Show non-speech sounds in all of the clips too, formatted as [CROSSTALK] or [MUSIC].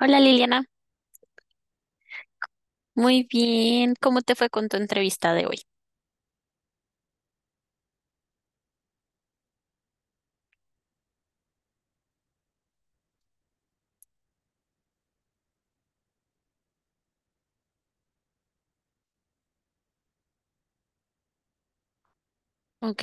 Hola Liliana, muy bien. ¿Cómo te fue con tu entrevista de hoy? Ok,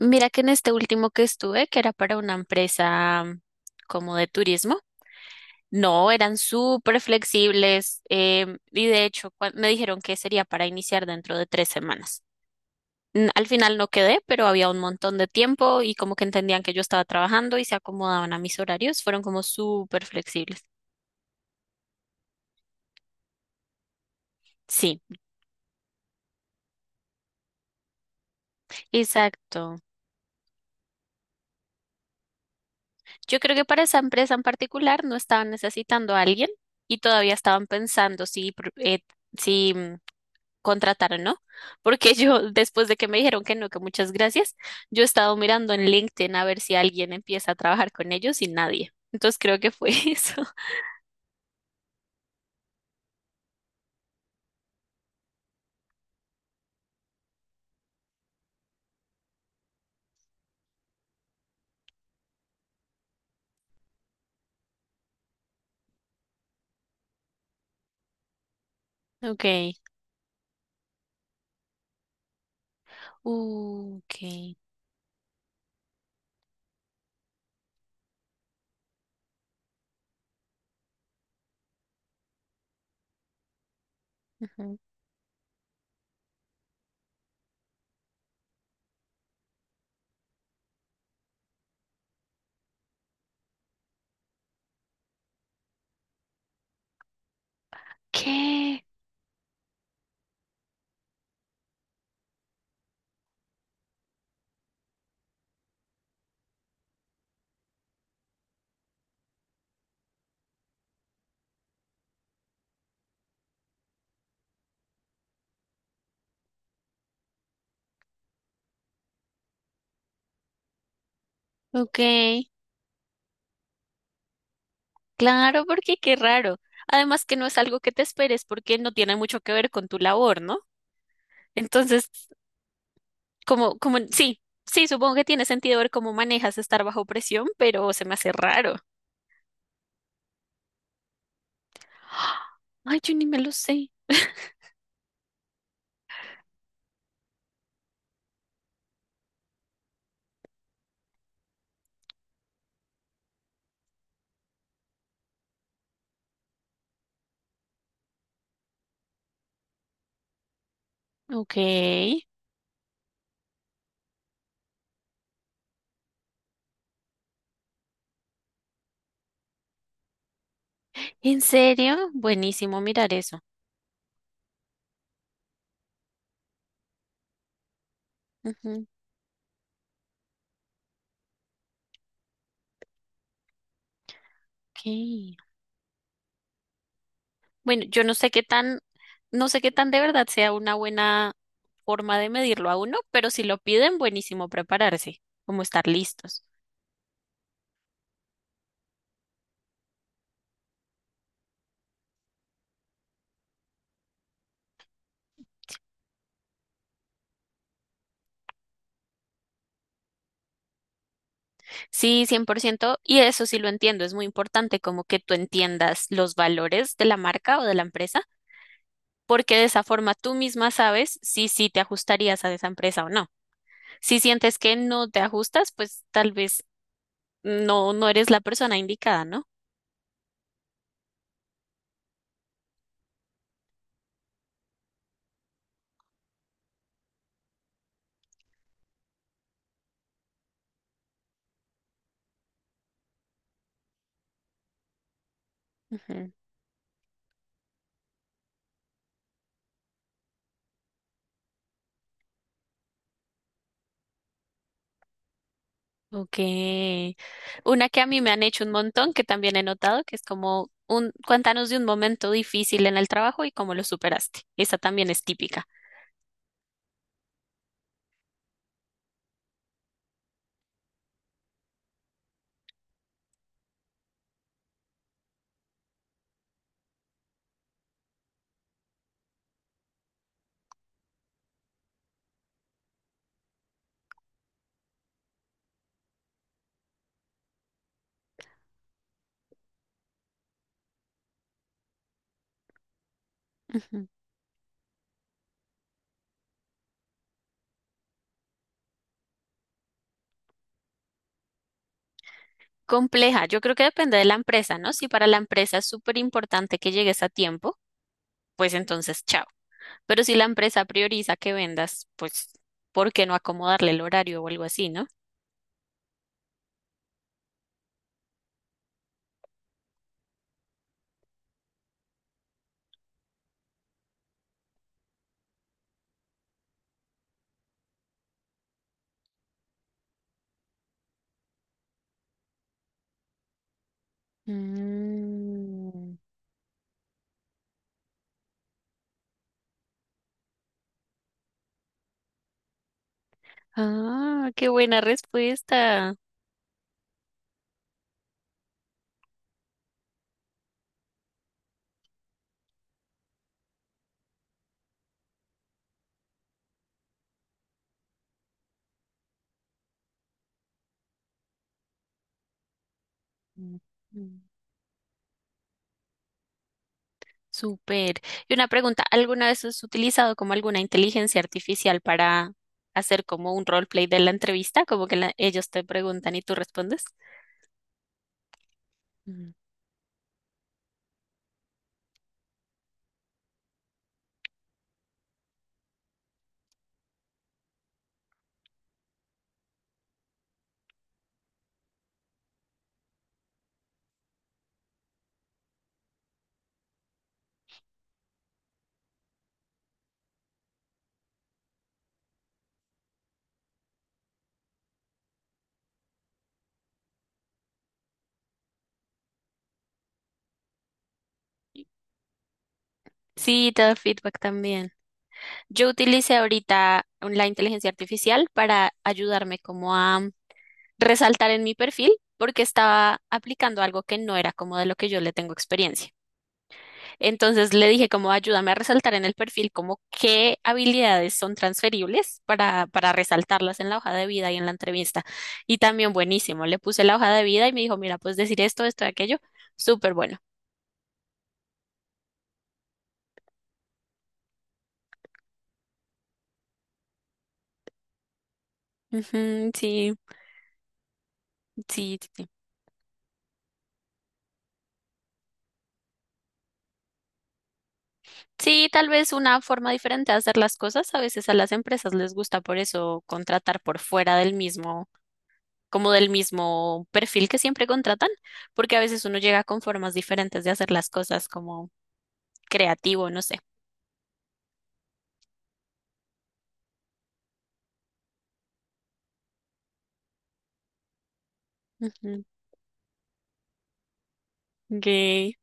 mira que en este último que estuve, que era para una empresa como de turismo, no, eran súper flexibles, y de hecho me dijeron que sería para iniciar dentro de 3 semanas. Al final no quedé, pero había un montón de tiempo y como que entendían que yo estaba trabajando y se acomodaban a mis horarios, fueron como súper flexibles. Sí, exacto. Yo creo que para esa empresa en particular no estaban necesitando a alguien y todavía estaban pensando si contratar o no, porque [LAUGHS] yo, después de que me dijeron que no, que muchas gracias, yo he estado mirando en LinkedIn a ver si alguien empieza a trabajar con ellos y nadie. Entonces creo que fue [LAUGHS] eso. Okay. Ok. Ujú. ¿Qué? Okay. Claro, porque qué raro. Además que no es algo que te esperes porque no tiene mucho que ver con tu labor, ¿no? Entonces como, sí, sí, supongo que tiene sentido ver cómo manejas estar bajo presión, pero se me hace raro. Ay, yo ni me lo sé. Ok. ¿En serio? Buenísimo mirar eso. Ujú. Ok. Bueno, yo no sé qué tan, no sé qué tan de verdad sea una buena forma de medirlo a uno, pero si lo piden, buenísimo prepararse, como estar listos. Sí, 100%. Y eso sí lo entiendo, es muy importante como que tú entiendas los valores de la marca o de la empresa porque de esa forma tú misma sabes si sí te ajustarías a esa empresa o no. Si sientes que no te ajustas, pues tal vez no, no eres la persona indicada, ¿no? Ujú. Ok. Una que a mí me han hecho un montón, que también he notado, que es como un, cuéntanos de un momento difícil en el trabajo y cómo lo superaste. Esa también es típica. Ujú. Compleja. Yo creo que depende de la empresa, ¿no? Si para la empresa es súper importante que llegues a tiempo, pues entonces chao. Pero si la empresa prioriza que vendas, pues, ¿por qué no acomodarle el horario o algo así, no? Mm. Ah, qué buena respuesta. Ujú. Súper. Y una pregunta, ¿alguna vez has utilizado como alguna inteligencia artificial para hacer como un roleplay de la entrevista? Como que ellos te preguntan y tú respondes. Mm. Sí, te da feedback también. Yo utilicé ahorita la inteligencia artificial para ayudarme como a resaltar en mi perfil porque estaba aplicando algo que no era como de lo que yo le tengo experiencia. Entonces le dije como ayúdame a resaltar en el perfil como qué habilidades son transferibles para resaltarlas en la hoja de vida y en la entrevista. Y también buenísimo, le puse la hoja de vida y me dijo, mira, pues decir esto, esto y aquello, súper bueno. Ujú, sí, sí, sí, sí. Sí, tal vez una forma diferente de hacer las cosas. A veces a las empresas les gusta por eso contratar por fuera del mismo, como del mismo perfil que siempre contratan, porque a veces uno llega con formas diferentes de hacer las cosas, como creativo, no sé. Ujú. Gay.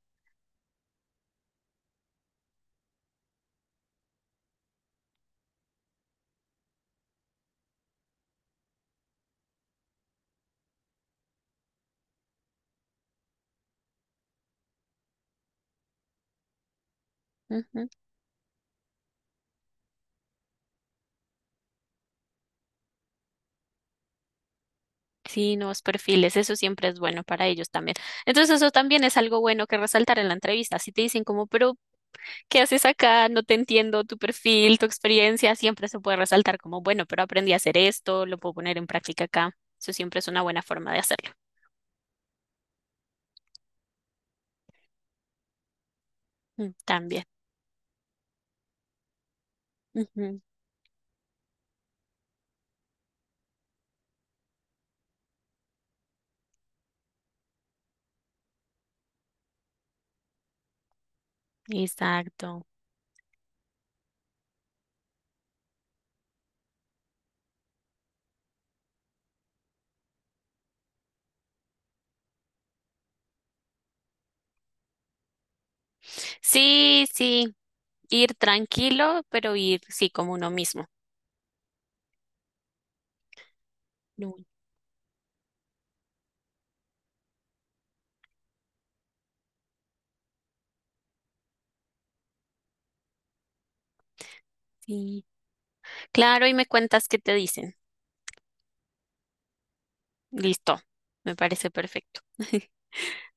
Ujú. Sí, nuevos perfiles, eso siempre es bueno para ellos también. Entonces, eso también es algo bueno que resaltar en la entrevista. Si te dicen como, pero, ¿qué haces acá? No te entiendo tu perfil, tu experiencia, siempre se puede resaltar como, bueno, pero aprendí a hacer esto, lo puedo poner en práctica acá. Eso siempre es una buena forma de hacerlo. Mm. También. Ujú. Exacto. Sí, sí. Ir tranquilo, pero ir, sí, como uno mismo. No. Sí. Claro, y me cuentas qué te dicen. Listo, me parece perfecto. [LAUGHS]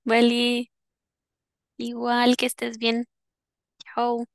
Vale, igual que estés bien. Chao.